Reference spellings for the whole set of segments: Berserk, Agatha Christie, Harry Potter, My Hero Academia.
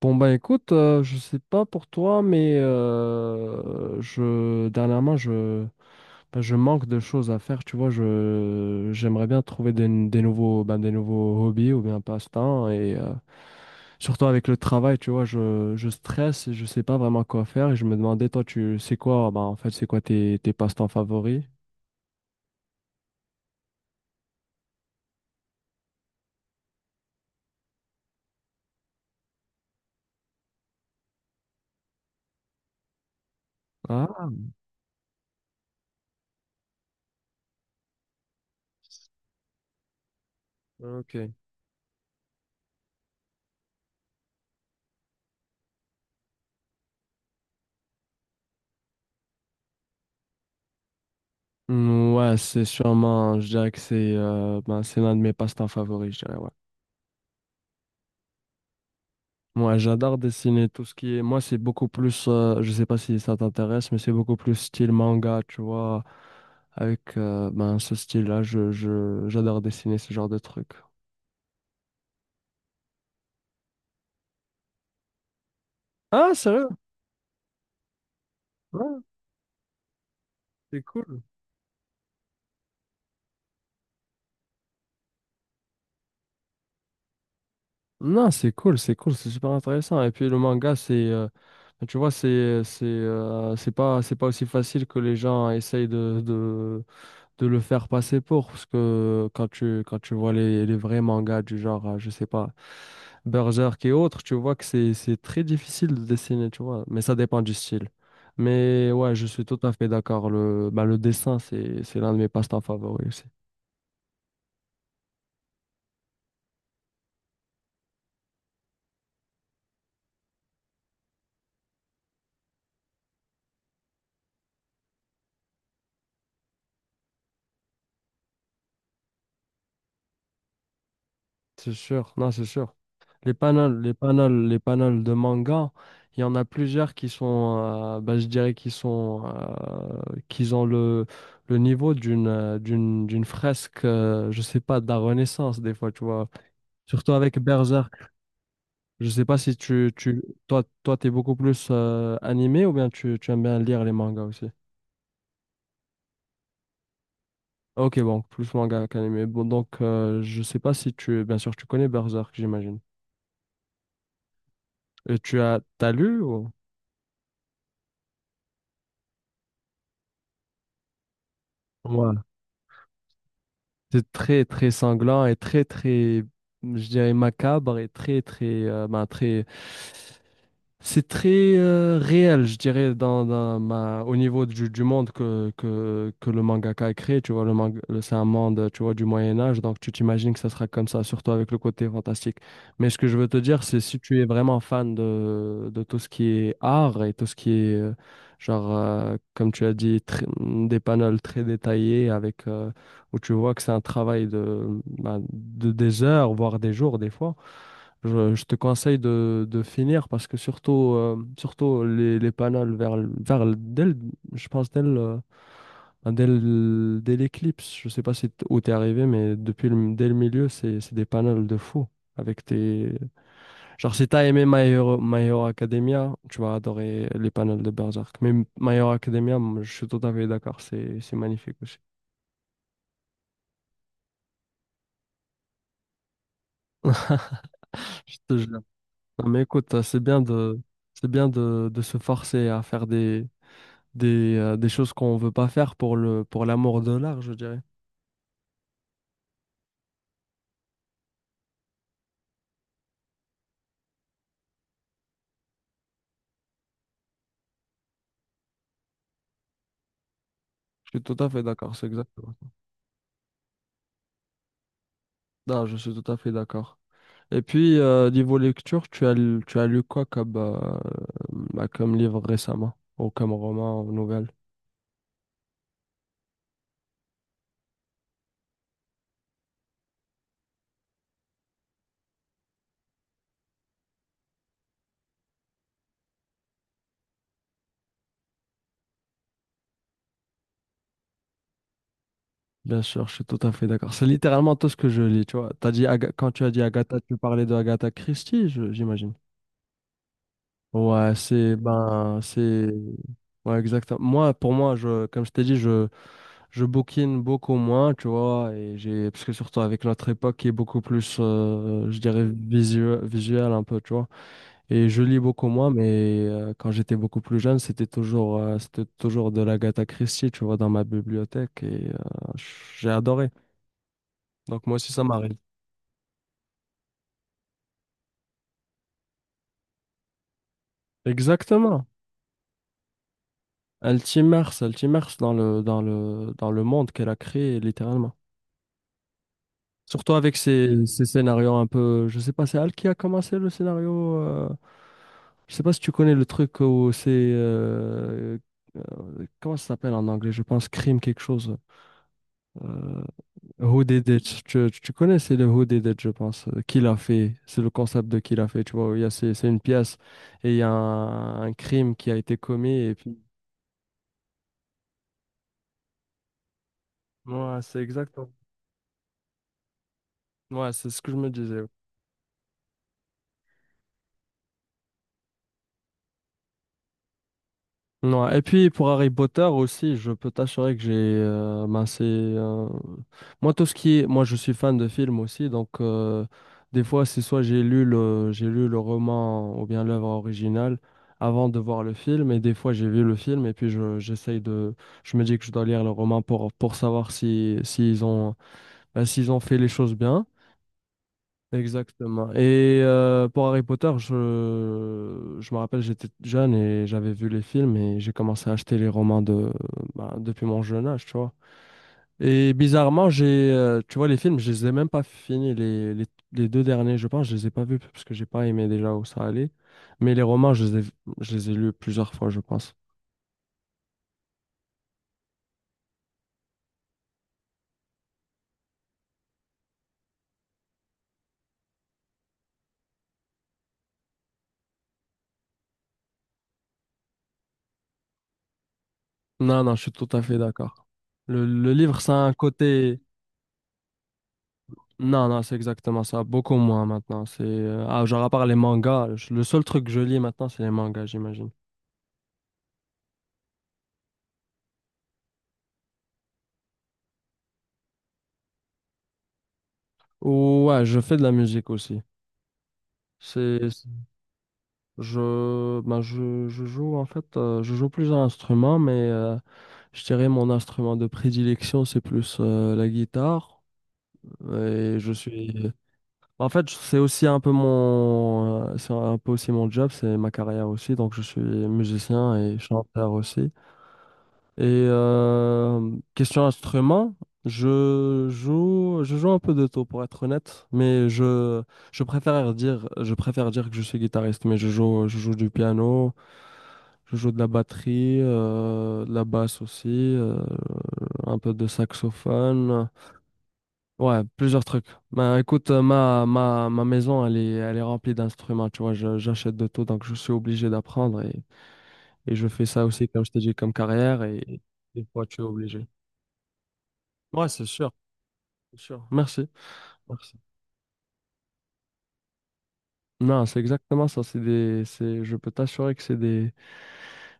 Bon, bah écoute, je sais pas pour toi, mais je dernièrement je ben, je manque de choses à faire, tu vois, je j'aimerais bien trouver des nouveaux des nouveaux hobbies ou bien passe-temps et surtout avec le travail, tu vois, je stresse et je sais pas vraiment quoi faire et je me demandais toi tu c'est quoi en fait c'est quoi tes passe-temps favoris? Ah, ok. Ouais, c'est sûrement, je dirais que c'est c'est l'un de mes passe-temps favoris, je dirais, ouais. Moi, j'adore dessiner tout ce qui est. Moi, c'est beaucoup plus. Je sais pas si ça t'intéresse, mais c'est beaucoup plus style manga, tu vois. Avec ce style-là, j'adore dessiner ce genre de trucs. Ah, sérieux? Ouais, c'est cool. Non, c'est cool, c'est cool, c'est super intéressant. Et puis le manga, c'est. Tu vois, c'est pas aussi facile que les gens essayent de le faire passer pour. Parce que quand quand tu vois les vrais mangas du genre, je sais pas. Berserk et autres, tu vois que c'est très difficile de dessiner, tu vois, mais ça dépend du style. Mais ouais, je suis tout à fait d'accord. Le dessin, c'est l'un de mes passe-temps favoris aussi. C'est sûr, non, c'est sûr. Les panels de manga, il y en a plusieurs qui sont, je dirais qu'ils sont, qu'ils ont le niveau d'une fresque, je sais pas, de la Renaissance des fois, tu vois. Surtout avec Berserk. Je sais pas si tu, tu toi toi t'es beaucoup plus animé ou bien tu aimes bien lire les mangas aussi. Ok, bon, plus manga qu'animé. Bon, donc je sais pas si tu bien sûr tu connais Berserk, j'imagine. Et tu as t'as lu ou? Ouais. C'est très très sanglant et très très, je dirais, macabre et très très ben, très c'est très réel, je dirais, dans au niveau du monde que le mangaka a créé. Tu vois, le manga, c'est un monde, tu vois, du Moyen Âge, donc tu t'imagines que ça sera comme ça, surtout avec le côté fantastique. Mais ce que je veux te dire, c'est si tu es vraiment fan de tout ce qui est art et tout ce qui est, comme tu as dit, des panels très détaillés avec, où tu vois que c'est un travail de, des heures, voire des jours, des fois. Je te conseille de finir parce que surtout, surtout les panels vers le- dès le- je pense dès le- dès le- dès l'éclipse, je sais pas si t- où t'es arrivé, mais dès le milieu, c'est des panels de fou. Avec tes... Genre, si t'as aimé My Hero Academia, tu vas adorer les panels de Berserk. Mais My Hero Academia, moi, je suis tout à fait d'accord, c'est magnifique aussi. Je te jure. Non, mais écoute, c'est bien de se forcer à faire des choses qu'on veut pas faire pour pour l'amour de l'art, je dirais. Je suis tout à fait d'accord, c'est exactement. Non, je suis tout à fait d'accord. Et puis, niveau lecture, tu as lu quoi comme, comme livre récemment, ou comme roman, ou nouvelle? Bien sûr, je suis tout à fait d'accord. C'est littéralement tout ce que je lis, tu vois. Quand tu as dit Agatha, tu parlais de Agatha Christie, j'imagine. Ouais, c'est ben c'est Ouais, exactement. Moi, pour moi, je, comme je t'ai dit, je bouquine beaucoup moins, tu vois, et j'ai parce que surtout avec notre époque qui est beaucoup plus je dirais visuel un peu, tu vois. Et je lis beaucoup moins mais quand j'étais beaucoup plus jeune, c'était toujours de l'Agatha Christie, tu vois, dans ma bibliothèque et j'ai adoré. Donc moi aussi ça m'arrive. Exactement. Elle t'immerse dans le monde qu'elle a créé littéralement. Surtout avec ces scénarios un peu. Je sais pas, c'est Al qui a commencé le scénario. Je sais pas si tu connais le truc où c'est. Comment ça s'appelle en anglais? Je pense crime quelque chose. Euh, Who Did It? Connais, c'est le Who Did It, je pense. Qui l'a fait? C'est le concept de qui l'a fait. Tu vois, il y a, c'est une pièce et il y a un crime qui a été commis. Et puis, ouais, c'est exactement. Ouais, c'est ce que je me disais. Ouais. Et puis pour Harry Potter aussi, je peux t'assurer que j'ai moi tout ce qui moi je suis fan de films aussi donc des fois c'est soit j'ai lu le roman ou bien l'œuvre originale avant de voir le film et des fois j'ai vu le film et puis je j'essaye de je me dis que je dois lire le roman pour savoir si s'ils ont s'ils ont fait les choses bien. Exactement. Et pour Harry Potter, je me rappelle, j'étais jeune et j'avais vu les films et j'ai commencé à acheter les romans depuis mon jeune âge, tu vois. Et bizarrement, tu vois, les films, je les ai même pas finis, les deux derniers, je pense, je les ai pas vus parce que j'ai pas aimé déjà où ça allait. Mais les romans, je les ai lus plusieurs fois, je pense. Non, non, je suis tout à fait d'accord. Le livre, ça a un côté... Non, non, c'est exactement ça. Beaucoup moins maintenant. C'est genre à part les mangas, le seul truc que je lis maintenant, c'est les mangas, j'imagine. Ouais, je fais de la musique aussi. C'est je joue en fait, je joue plusieurs instruments, mais je dirais mon instrument de prédilection, c'est plus la guitare. Et je suis en fait, c'est aussi un peu mon c'est un peu aussi mon job, c'est ma carrière aussi, donc je suis musicien et chanteur aussi. Et question instrument, je joue un peu de tout pour être honnête, mais je préfère dire que je suis guitariste, mais je joue du piano, je joue de la batterie, de la basse aussi, un peu de saxophone, ouais, plusieurs trucs. Ben écoute, ma maison, elle est remplie d'instruments, tu vois, j'achète de tout, donc je suis obligé d'apprendre et je fais ça aussi, comme je t'ai dit, comme carrière et des fois, tu es obligé. Ouais, c'est sûr, c'est sûr. Merci. Merci. Non, c'est exactement ça. Je peux t'assurer que c'est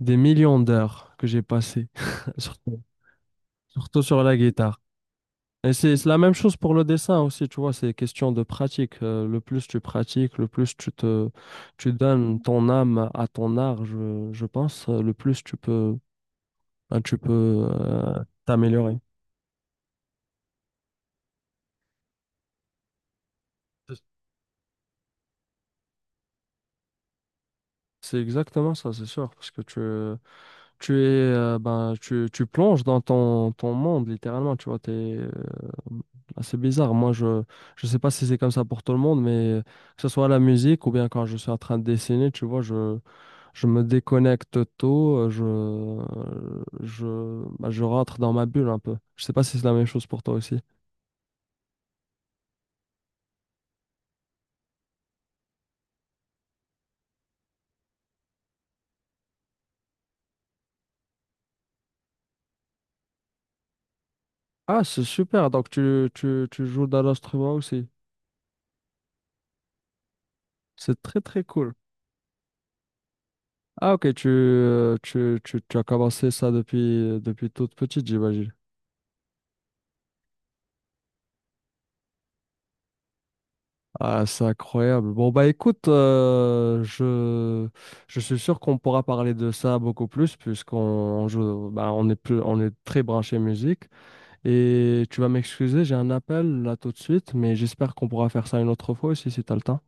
des millions d'heures que j'ai passées, surtout, surtout sur la guitare. Et c'est la même chose pour le dessin aussi, tu vois, c'est question de pratique. Le plus tu pratiques, le plus tu donnes ton âme à ton art, je pense, le plus tu peux, ben, tu peux euh, t'améliorer. C'est c'est exactement ça, c'est sûr, parce que tu es tu plonges dans ton monde littéralement, tu vois, t'es assez bizarre. Moi, je sais pas si c'est comme ça pour tout le monde, mais que ce soit la musique ou bien quand je suis en train de dessiner, tu vois, je me déconnecte tôt, je je rentre dans ma bulle un peu. Je sais pas si c'est la même chose pour toi aussi. Ah, c'est super, donc tu joues dans l'instrument aussi, c'est très très cool. Ah, ok, tu as commencé ça depuis depuis toute petite, j'imagine. Ah, c'est incroyable. Bon, bah écoute, je suis sûr qu'on pourra parler de ça beaucoup plus puisqu'on joue, bah, on est très branché musique. Et tu vas m'excuser, j'ai un appel là tout de suite, mais j'espère qu'on pourra faire ça une autre fois aussi si t'as le temps.